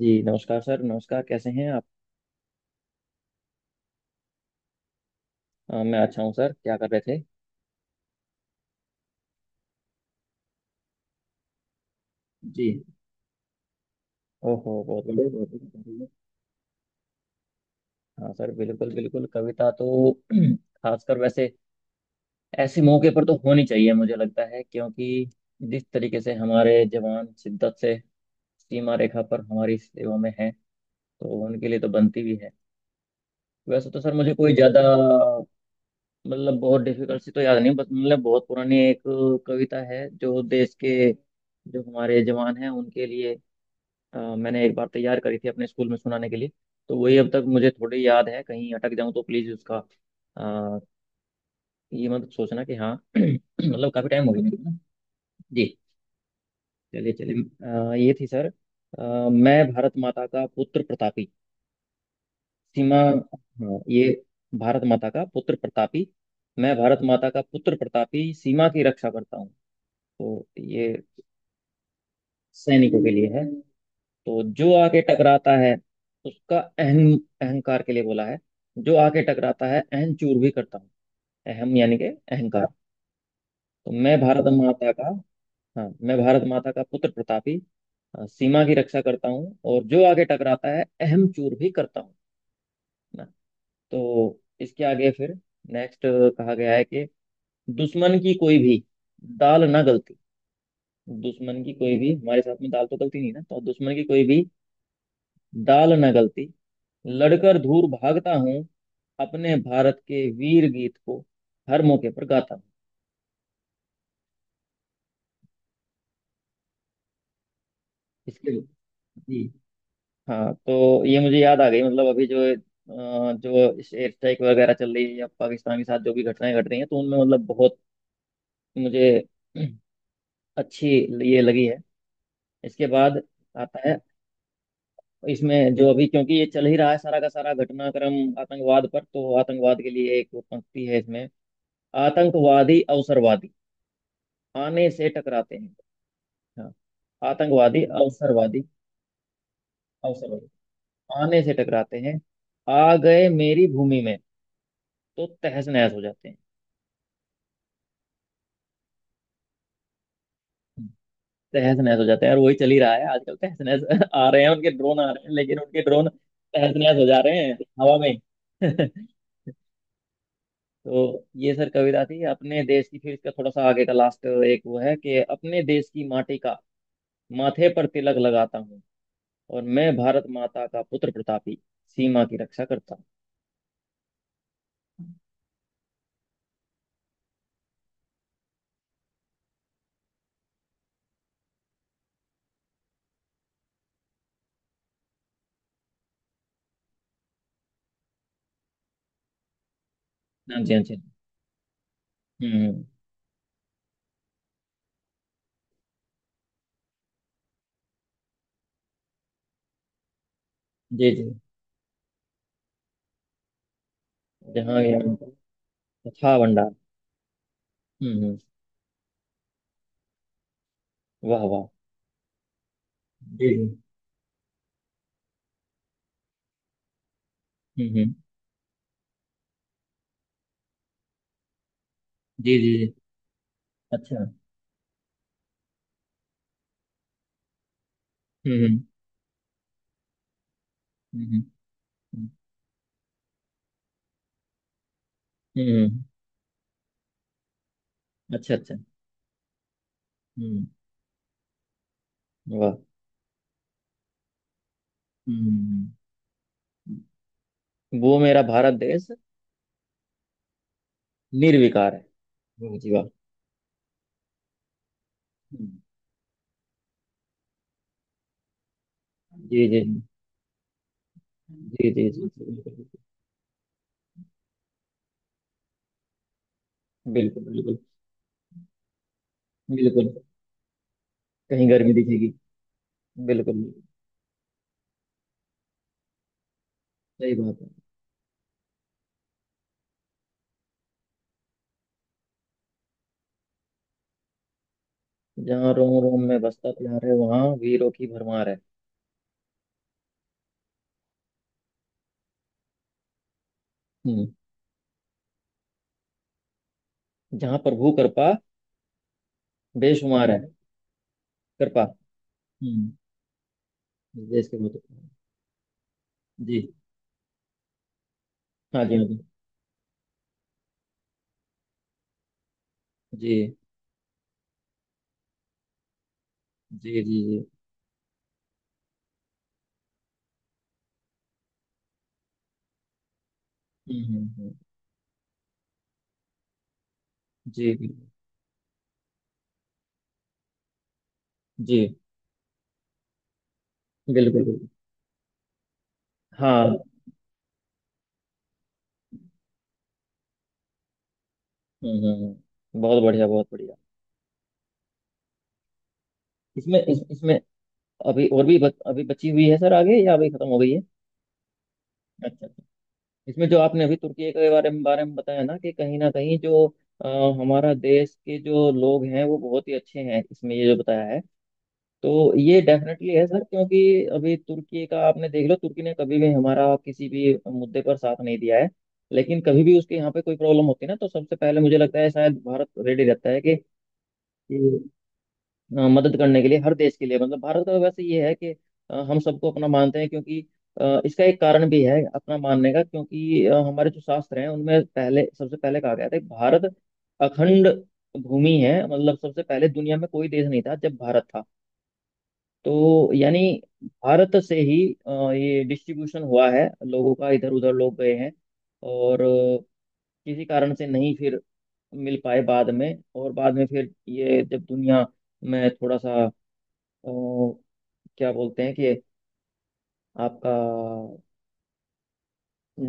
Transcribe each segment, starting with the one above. जी नमस्कार सर। नमस्कार, कैसे हैं आप? मैं अच्छा हूँ सर। क्या कर रहे थे? जी। ओहो, बहुत बढ़िया, बहुत बढ़िया, बहुत बढ़िया। हाँ सर, बिल्कुल बिल्कुल, कविता तो खासकर वैसे ऐसे मौके पर तो होनी चाहिए, मुझे लगता है क्योंकि जिस तरीके से हमारे जवान शिद्दत से सीमा रेखा पर हमारी सेवा में हैं, तो उनके लिए तो बनती भी है। वैसे तो सर मुझे कोई ज़्यादा मतलब बहुत डिफिकल्ट सी तो याद नहीं, बस मतलब बहुत पुरानी एक कविता है, जो देश के, जो हमारे जवान हैं उनके लिए। मैंने एक बार तैयार करी थी अपने स्कूल में सुनाने के लिए, तो वही अब तक मुझे थोड़ी याद है, कहीं अटक जाऊं तो प्लीज उसका अ, ये मत सोचना कि हाँ मतलब काफी टाइम हो गया मेरे को ना। जी। चलिए चलिए। ये थी सर। मैं भारत माता का पुत्र प्रतापी, सीमा, हाँ ये भारत माता का पुत्र प्रतापी, मैं भारत माता का पुत्र प्रतापी सीमा की रक्षा करता हूँ। तो ये सैनिकों के लिए है। तो जो आके टकराता है उसका अहम, अहंकार के लिए बोला है। जो आके टकराता है अहम चूर भी करता हूँ, अहम यानी कि अहंकार। तो मैं भारत माता का, हाँ, मैं भारत माता का पुत्र प्रतापी, सीमा की रक्षा करता हूँ, और जो आगे टकराता है अहम चूर भी करता हूँ ना। तो इसके आगे फिर नेक्स्ट कहा गया है कि, दुश्मन की कोई भी दाल ना गलती, दुश्मन की कोई भी हमारे साथ में दाल तो गलती नहीं ना, तो दुश्मन की कोई भी दाल ना गलती, लड़कर दूर भागता हूँ, अपने भारत के वीर गीत को हर मौके पर गाता हूँ। इसके लिए जी हाँ। तो ये मुझे याद आ गई, मतलब अभी जो जो एयर स्ट्राइक वगैरह चल रही है या पाकिस्तान के साथ जो भी घटनाएं घट रही हैं, तो उनमें मतलब बहुत मुझे अच्छी ये लगी है। इसके बाद आता है, इसमें जो अभी, क्योंकि ये चल ही रहा है सारा का सारा घटनाक्रम आतंकवाद पर, तो आतंकवाद के लिए एक पंक्ति है इसमें। आतंकवादी अवसरवादी आने से टकराते हैं। हाँ। आतंकवादी अवसरवादी, अवसरवादी आने से टकराते हैं, आ गए मेरी भूमि में, तो तहस नहस हो जाते हैं। हम्म। तहस नहस हो जाते हैं, और वही चल ही रहा है आजकल, तहस नहस आ रहे हैं उनके ड्रोन, आ रहे हैं लेकिन उनके ड्रोन तहस नहस हो जा रहे हैं हवा में। तो ये सर कविता थी अपने देश की, फिर इसका थोड़ा सा आगे का लास्ट एक वो है कि, अपने देश की माटी का माथे पर तिलक लगाता हूँ, और मैं भारत माता का पुत्र प्रतापी सीमा की रक्षा करता हूँ। हाँ जी, हाँ जी। हम्म। जी जी। जहाँ ज्ञान का कथा भंडार। हम्म। वाह वाह। जी जी। हम्म। जी जी जी। अच्छा। हम्म, हम्म हम्म, हम्म, हम्म, हम्म। अच्छा अच्छा। हम्म। वाह। हम्म हम्म, हम्म। वो मेरा भारत देश निर्विकार है। वाह जी वाह। हम्म, जी जी जी जी। जी जी, बिल्कुल बिल्कुल बिल्कुल। बिल्कुल। कहीं गर्मी दिखेगी। बिल्कुल, सही बात है। जहाँ रोम रोम में बसता प्यार है वहाँ वीरों की भरमार है। हम्म। जहाँ प्रभु कृपा बेशुमार है। कृपा। हम्म। देश के बहुत। जी। हाँ जी, हाँ जी। जी जी जी। जी। हम्म हम्म, हम्म, जी बिल्कुल। जी बिल्कुल बिल्कुल। हाँ हम्म। बहुत बढ़िया बहुत बढ़िया। इसमें अभी और भी बच, अभी बची हुई है सर, आगे, या अभी खत्म हो गई है? अच्छा अच्छा। इसमें जो आपने अभी तुर्की के बारे में बताया ना कि, कहीं ना कहीं जो अ, हमारा देश के जो लोग हैं वो बहुत ही अच्छे हैं, इसमें ये जो बताया है, तो ये डेफिनेटली है सर, क्योंकि अभी तुर्की का आपने देख लो, तुर्की ने कभी भी हमारा किसी भी मुद्दे पर साथ नहीं दिया है, लेकिन कभी भी उसके यहाँ पे कोई प्रॉब्लम होती है ना, तो सबसे पहले मुझे लगता है शायद भारत रेडी रहता है कि, कि, मदद करने के लिए, हर देश के लिए। मतलब भारत का वैसे ये है कि हम सबको अपना मानते हैं, क्योंकि इसका एक कारण भी है अपना मानने का, क्योंकि हमारे जो शास्त्र हैं उनमें पहले, सबसे पहले कहा गया था कि भारत अखंड भूमि है, मतलब सबसे पहले दुनिया में कोई देश नहीं था जब भारत था, तो यानी भारत से ही ये डिस्ट्रीब्यूशन हुआ है लोगों का, इधर उधर लोग गए हैं, और किसी कारण से नहीं फिर मिल पाए बाद में, और बाद में फिर ये जब दुनिया में थोड़ा सा क्या बोलते हैं कि आपका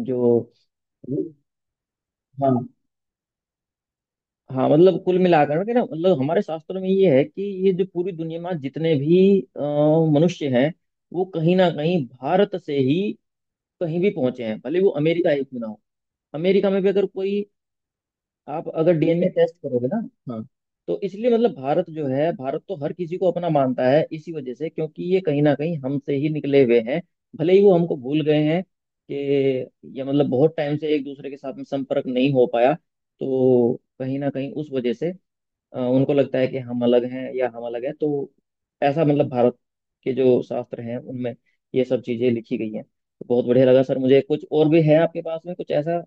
जो, हाँ। हाँ, मतलब कुल मिलाकर के ना, मतलब हमारे शास्त्रों में ये है कि ये जो पूरी दुनिया में जितने भी मनुष्य हैं, वो कहीं ना कहीं भारत से ही कहीं भी पहुंचे हैं, भले वो अमेरिका ही क्यों ना हो। अमेरिका में भी अगर कोई, आप अगर DNA टेस्ट करोगे ना। हाँ। तो इसलिए मतलब भारत जो है, भारत तो हर किसी को अपना मानता है इसी वजह से, क्योंकि ये कहीं ना कहीं हमसे ही निकले हुए हैं, भले ही वो हमको भूल गए हैं कि ये, मतलब बहुत टाइम से एक दूसरे के साथ में संपर्क नहीं हो पाया, तो कहीं ना कहीं उस वजह से उनको लगता है कि हम अलग हैं, या हम अलग हैं, तो ऐसा, मतलब भारत के जो शास्त्र हैं उनमें ये सब चीजें लिखी गई हैं। तो बहुत बढ़िया लगा सर मुझे। कुछ और भी है आपके पास में, कुछ ऐसा?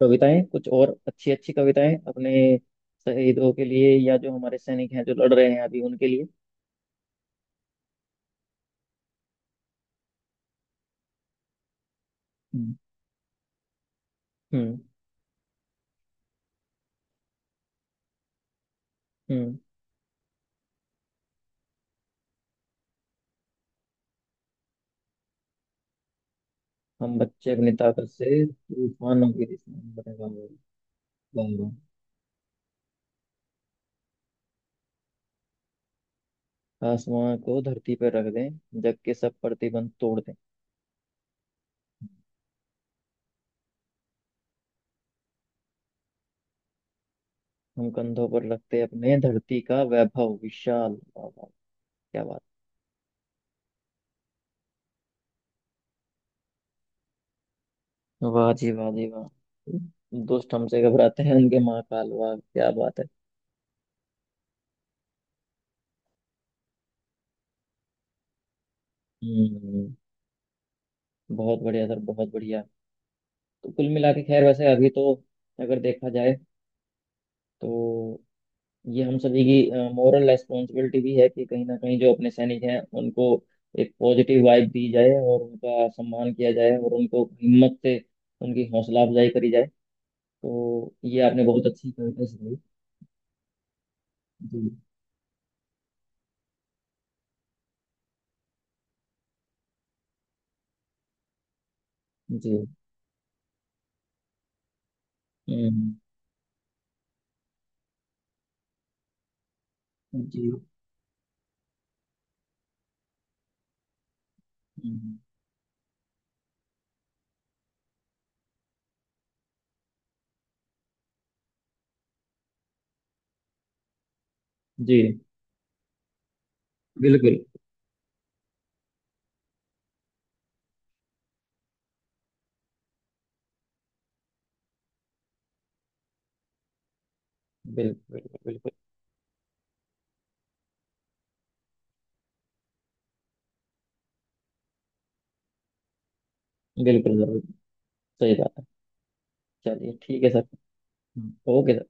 कविताएं? कुछ और अच्छी अच्छी कविताएं, अपने शहीदों के लिए या जो हमारे सैनिक हैं जो लड़ रहे हैं अभी उनके लिए। हम्म। हम्म। हम्म। हम बच्चे अपनी ताकत से तूफानों की दिशा में बने, वाह वाह। वाह, वाह। आसमां को धरती पर रख दें, जग के सब प्रतिबंध तोड़ दें। हम कंधों पर रखते अपने धरती का वैभव विशाल, वाह वाह, क्या बात! वाह जी, वाह जी, वाह। दुष्ट हमसे घबराते हैं उनके महाकाल, वाह, क्या बात है। हम्म। बहुत बढ़िया सर, बहुत बढ़िया। तो कुल मिला के, खैर वैसे अभी तो, अगर देखा जाए, तो ये हम सभी की मॉरल रेस्पॉन्सिबिलिटी भी है कि कहीं ना कहीं जो अपने सैनिक हैं उनको एक पॉजिटिव वाइब दी जाए, और उनका सम्मान किया जाए, और उनको हिम्मत से उनकी हौसला अफजाई करी जाए। तो ये आपने बहुत अच्छी कविता सुनाई। जी जी। हम्म। जी। हम्म, जी, बिल्कुल बिल्कुल बिल्कुल। बिल्कुल बिल्कुल, जरूर। सही बात है। चलिए ठीक है सर। Okay sir.